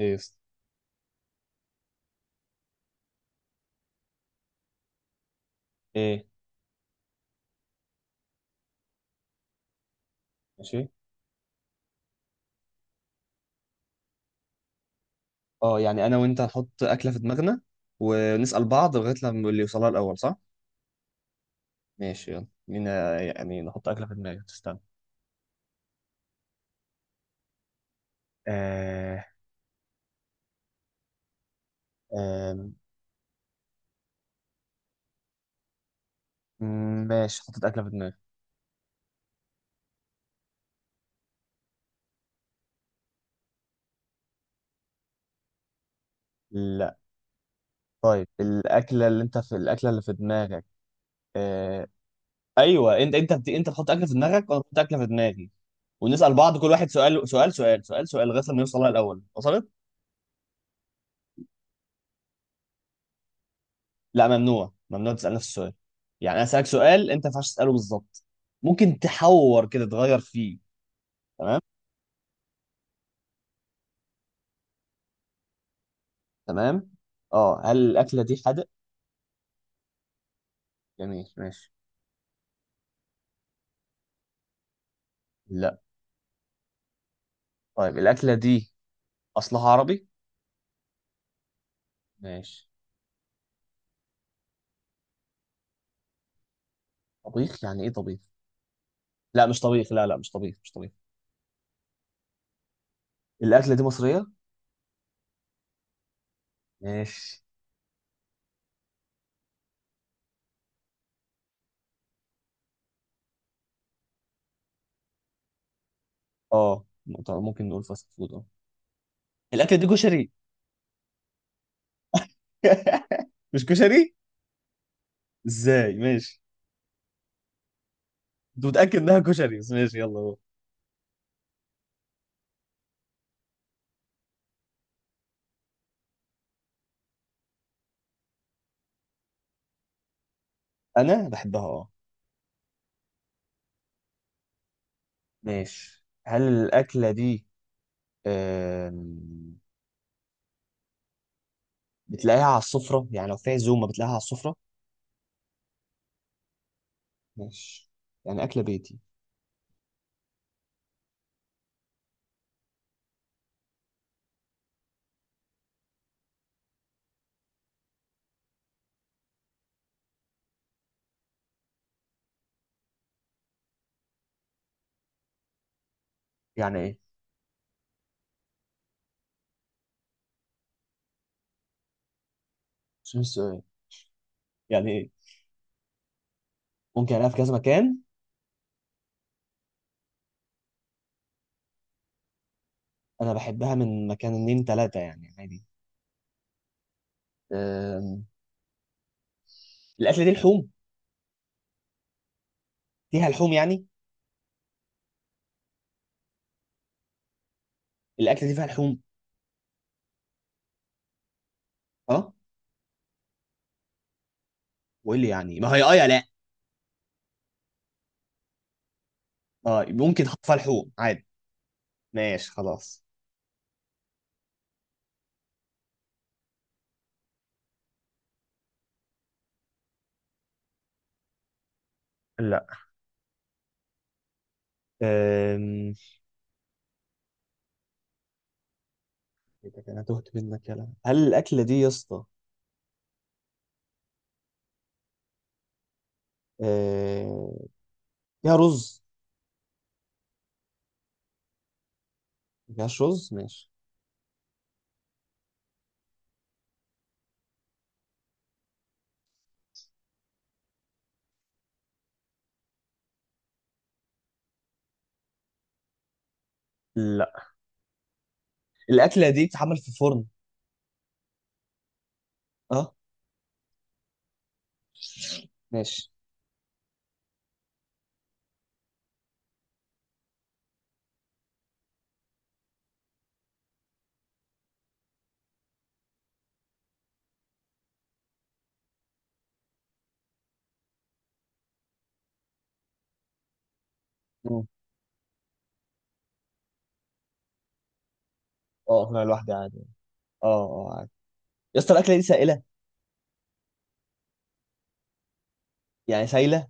ايه يا اسطى؟ ايه، ماشي. اه، يعني انا وانت هنحط اكله في دماغنا ونسال بعض لغايه لما اللي يوصلها الاول صح. ماشي، يلا مين يعني نحط اكله في دماغي، تستنى. آه آه. ماشي، حطيت اكله في دماغي. لا. طيب الاكله اللي انت في الاكله اللي في دماغك. آه. ايوه، انت انت بتحط اكله في دماغك وانا بحط اكله في دماغي. ونسال بعض كل واحد سؤال سؤال سؤال سؤال سؤال لغايه لما يوصلها الاول. وصلت؟ لا، ممنوع ممنوع تسأل نفس السؤال. يعني انا اسالك سؤال انت ما ينفعش تساله بالظبط. ممكن تحور كده، تغير فيه. تمام. تمام. اه، هل الاكله دي حادق؟ جميل، ماشي. لا. طيب الاكله دي اصلها عربي؟ ماشي. طبيخ؟ يعني ايه طبيخ؟ لا مش طبيخ، لا لا، مش طبيخ مش طبيخ. الاكله دي مصريه. ماشي. اه طب ممكن نقول فاست فود، اه. الاكله دي كشري؟ مش كشري؟ ازاي؟ ماشي. انت متاكد انها كشري بس، ماشي يلا هو. انا بحبها، اه. ماشي، هل الأكلة دي آم، بتلاقيها على السفرة؟ يعني لو في عزومة بتلاقيها على السفرة. ماشي. يعني أكلة بيتي. يعني إيه؟ مش فاهم السؤال. يعني إيه ممكن ألاقيها في كذا مكان؟ أنا بحبها من مكان اتنين تلاتة يعني، عادي. آم، الأكلة دي لحوم؟ فيها لحوم يعني؟ الأكلة دي فيها لحوم؟ أه. وإيه اللي يعني؟ ما هي أه يا لأ. أه ممكن تحط فيها لحوم عادي. ماشي، خلاص. لا. أم... إيه ده، أنا تهت منك. يلا هل الأكلة دي يا اسطى آه، فيها رز؟ ما فيهاش رز، ماشي. لا. الاكله دي بتتعمل في فرن؟ اه. ماشي. مم. اه، اكلها لوحدي عادي. اه اه، عادي. يا اسطى الاكله دي سائله؟ يعني سايله،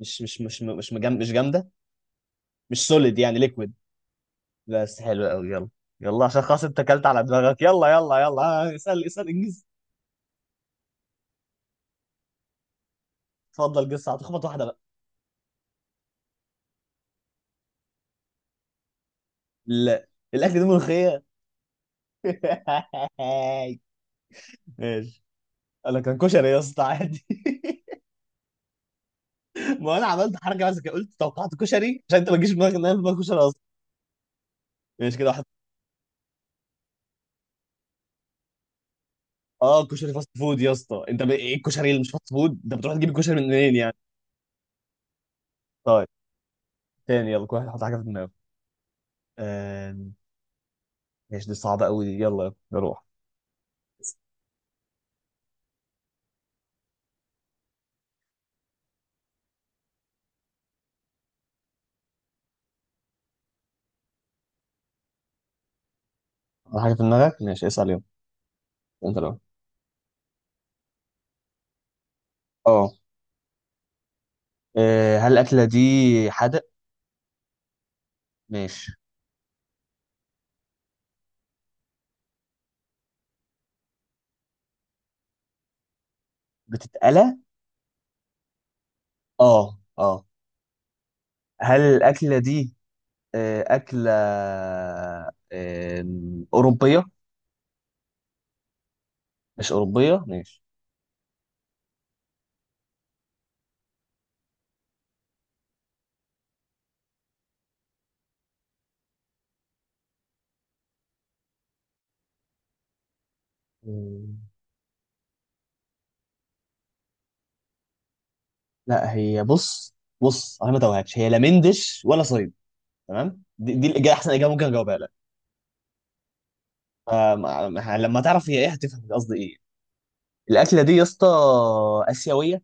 مش مش جامده. مش سوليد يعني، ليكويد. بس حلو قوي، يلا. يلا عشان خلاص انت اكلت على دماغك، يلا يلا يلا. اسال اسال، انجز. اتفضل جس، هتخبط واحده بقى. لا. الاكل ده ملوخيه. ماشي. انا كان كشري يا اسطى، عادي. ما انا عملت حركه بس كده، قلت توقعت كشري عشان انت ما تجيش في دماغك ان انا في دماغي كشري. ماشي، كده واحد. اه كشري فاست فود يا اسطى. ايه الكشري اللي مش فاست فود؟ انت بتروح تجيب الكشري من منين يعني؟ طيب، تاني. يلا كل واحد يحط حاجه في دماغه. آم، ماشي، دي صعبه قوي دي، يلا نروح. حط حاجه في دماغك، ماشي اسال يلا. انت لو، اه. آه، هل الاكله دي حادق؟ ماشي. بتتقلى؟ اه اه. هل الاكله دي اكله اوروبيه؟ مش اوروبيه، ماشي. مم. لا هي بص، بص انا ما توهكش، هي لا مندش ولا صيد. تمام، دي الاجابه احسن اجابه ممكن اجاوبها لك. آم، آم، لما تعرف هي ايه هتفهم قصدي ايه. الاكله دي يا اسطى اسيويه؟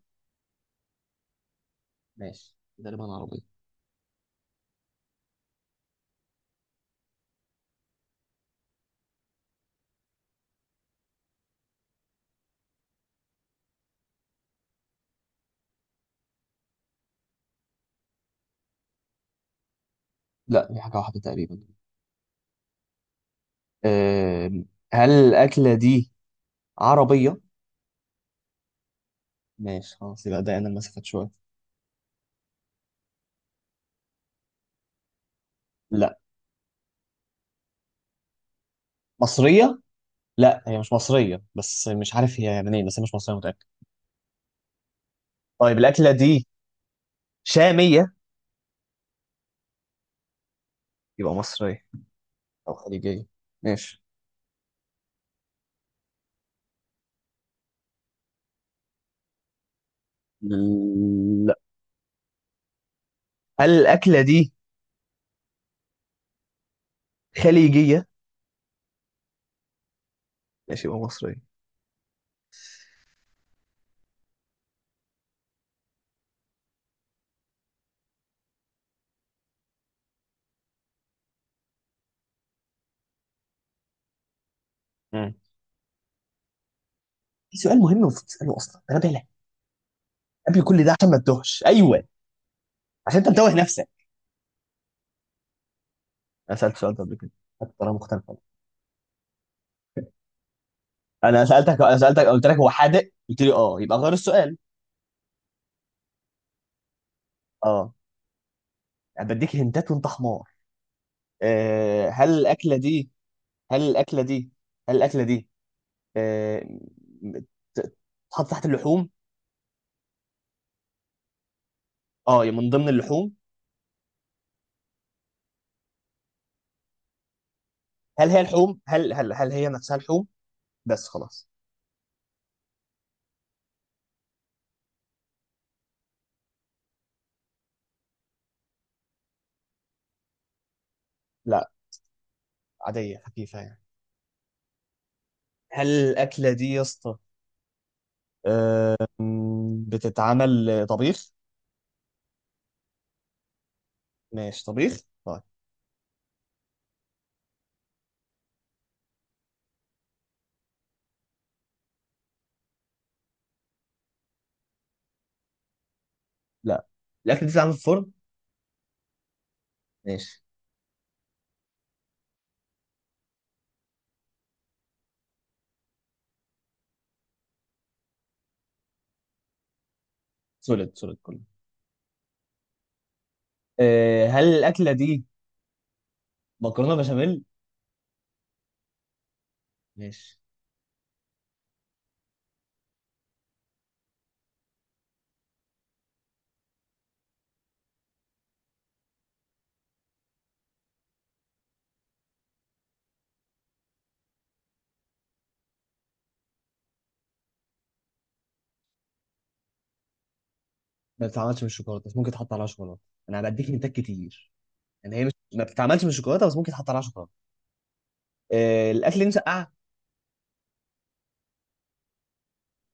ماشي. تقريبا عربيه. لا دي حاجه واحده تقريبا. آم، هل الاكله دي عربيه؟ ماشي، خلاص يبقى ده انا المسافات شويه. لا، مصريه. لا هي مش مصريه بس مش عارف هي منين، بس هي مش مصريه متاكد. طيب الاكله دي شاميه؟ يبقى مصريه او خليجيه. ماشي. لا. هل الاكله دي خليجيه؟ ماشي، يبقى مصريه. مم. في سؤال مهم المفروض تساله اصلا، انا بالك قبل كل ده عشان ما تتوهش، ايوه، عشان انت متوه نفسك. انا سالت سؤال ده قبل كده، حتى طريقه مختلفه. انا سالتك قلت لك هو حادق، قلت لي اه، يبقى غير السؤال. اه. انا بديك هنتات وانت حمار. آه، هل الاكله دي هل الاكله دي آه، م- ت- تتحط تحت اللحوم؟ اه، من ضمن اللحوم. هل هي نفسها لحوم؟ بس خلاص. لا. عاديه، خفيفه يعني. هل الاكله دي يا اسطى، بتتعمل طبيخ؟ ماشي طبيخ، طيب. لا، الاكل دي بتتعمل في الفرن. ماشي. سوليد، سوليد كله. أه، هل الاكله دي مكرونه بشاميل؟ ماشي. ما بتتعملش من الشوكولاته، بس ممكن تحط عليها شوكولاته. انا هديك هنتات كتير. يعني هي مش ما بتتعملش من الشوكولاته، بس ممكن تحط عليها شوكولاته. أه، الاكل دي مسقعه؟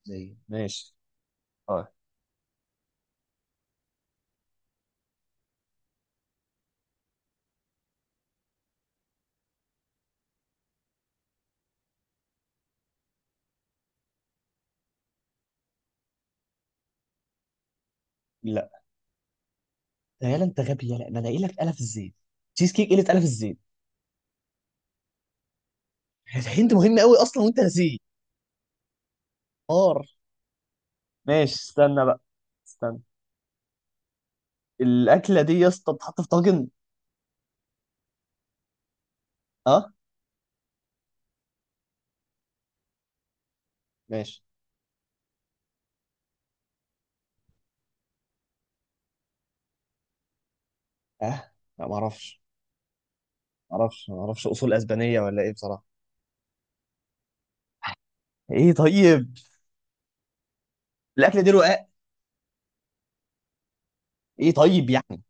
زي ماشي، اه. لا. يالا انت غبي، يالا ما الاقي لك قلف الزيت، تشيز كيك، قله قلف الزيت. انت مهم قوي اصلا وانت نسيه. نار. ماشي استنى بقى، استنى. الاكله دي يا اسطى بتتحط في طاجن؟ اه ماشي. اه لا، ما اعرفش. ما اعرفش ما اعرفش اصول اسبانيه ولا ايه بصراحه. ايه طيب. الاكله دي رقاق؟ ايه طيب يعني.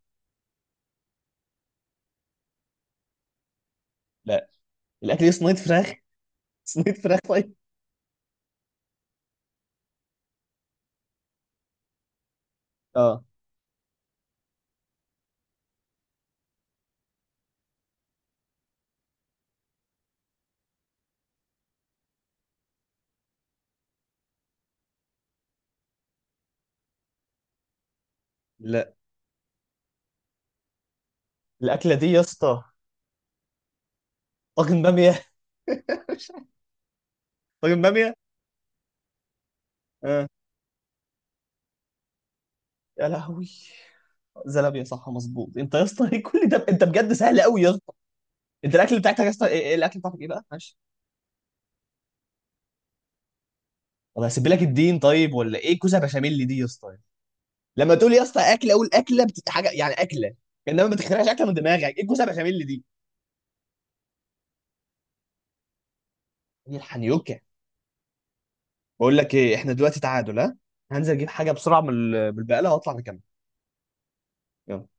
لا، الاكل دي صينيه فراخ. صينيه فراخ؟ طيب. اه. لا. الاكله دي يا اسطى طاجن باميه. طاجن باميه. اه، يا لهوي، زلابيه! صح، مظبوط انت يا اسطى. ايه كل ده؟ انت بجد سهل قوي يا اسطى. انت الاكل بتاعتك يا اسطى ايه؟ إيه الاكل بتاعتك ايه بقى، معلش؟ طب هسيب لك الدين طيب، ولا ايه كوسه بشاميل دي يا اسطى؟ لما تقول يا اسطى اكله، اقول اكله حاجه يعني اكله. انما ما تخترعش اكله من دماغك. ايه الكوسه بشاميل دي؟ ايه الحنيوكه؟ بقول لك ايه، احنا دلوقتي تعادل، ها. هنزل اجيب حاجه بسرعه من البقاله واطلع نكمل. يلا.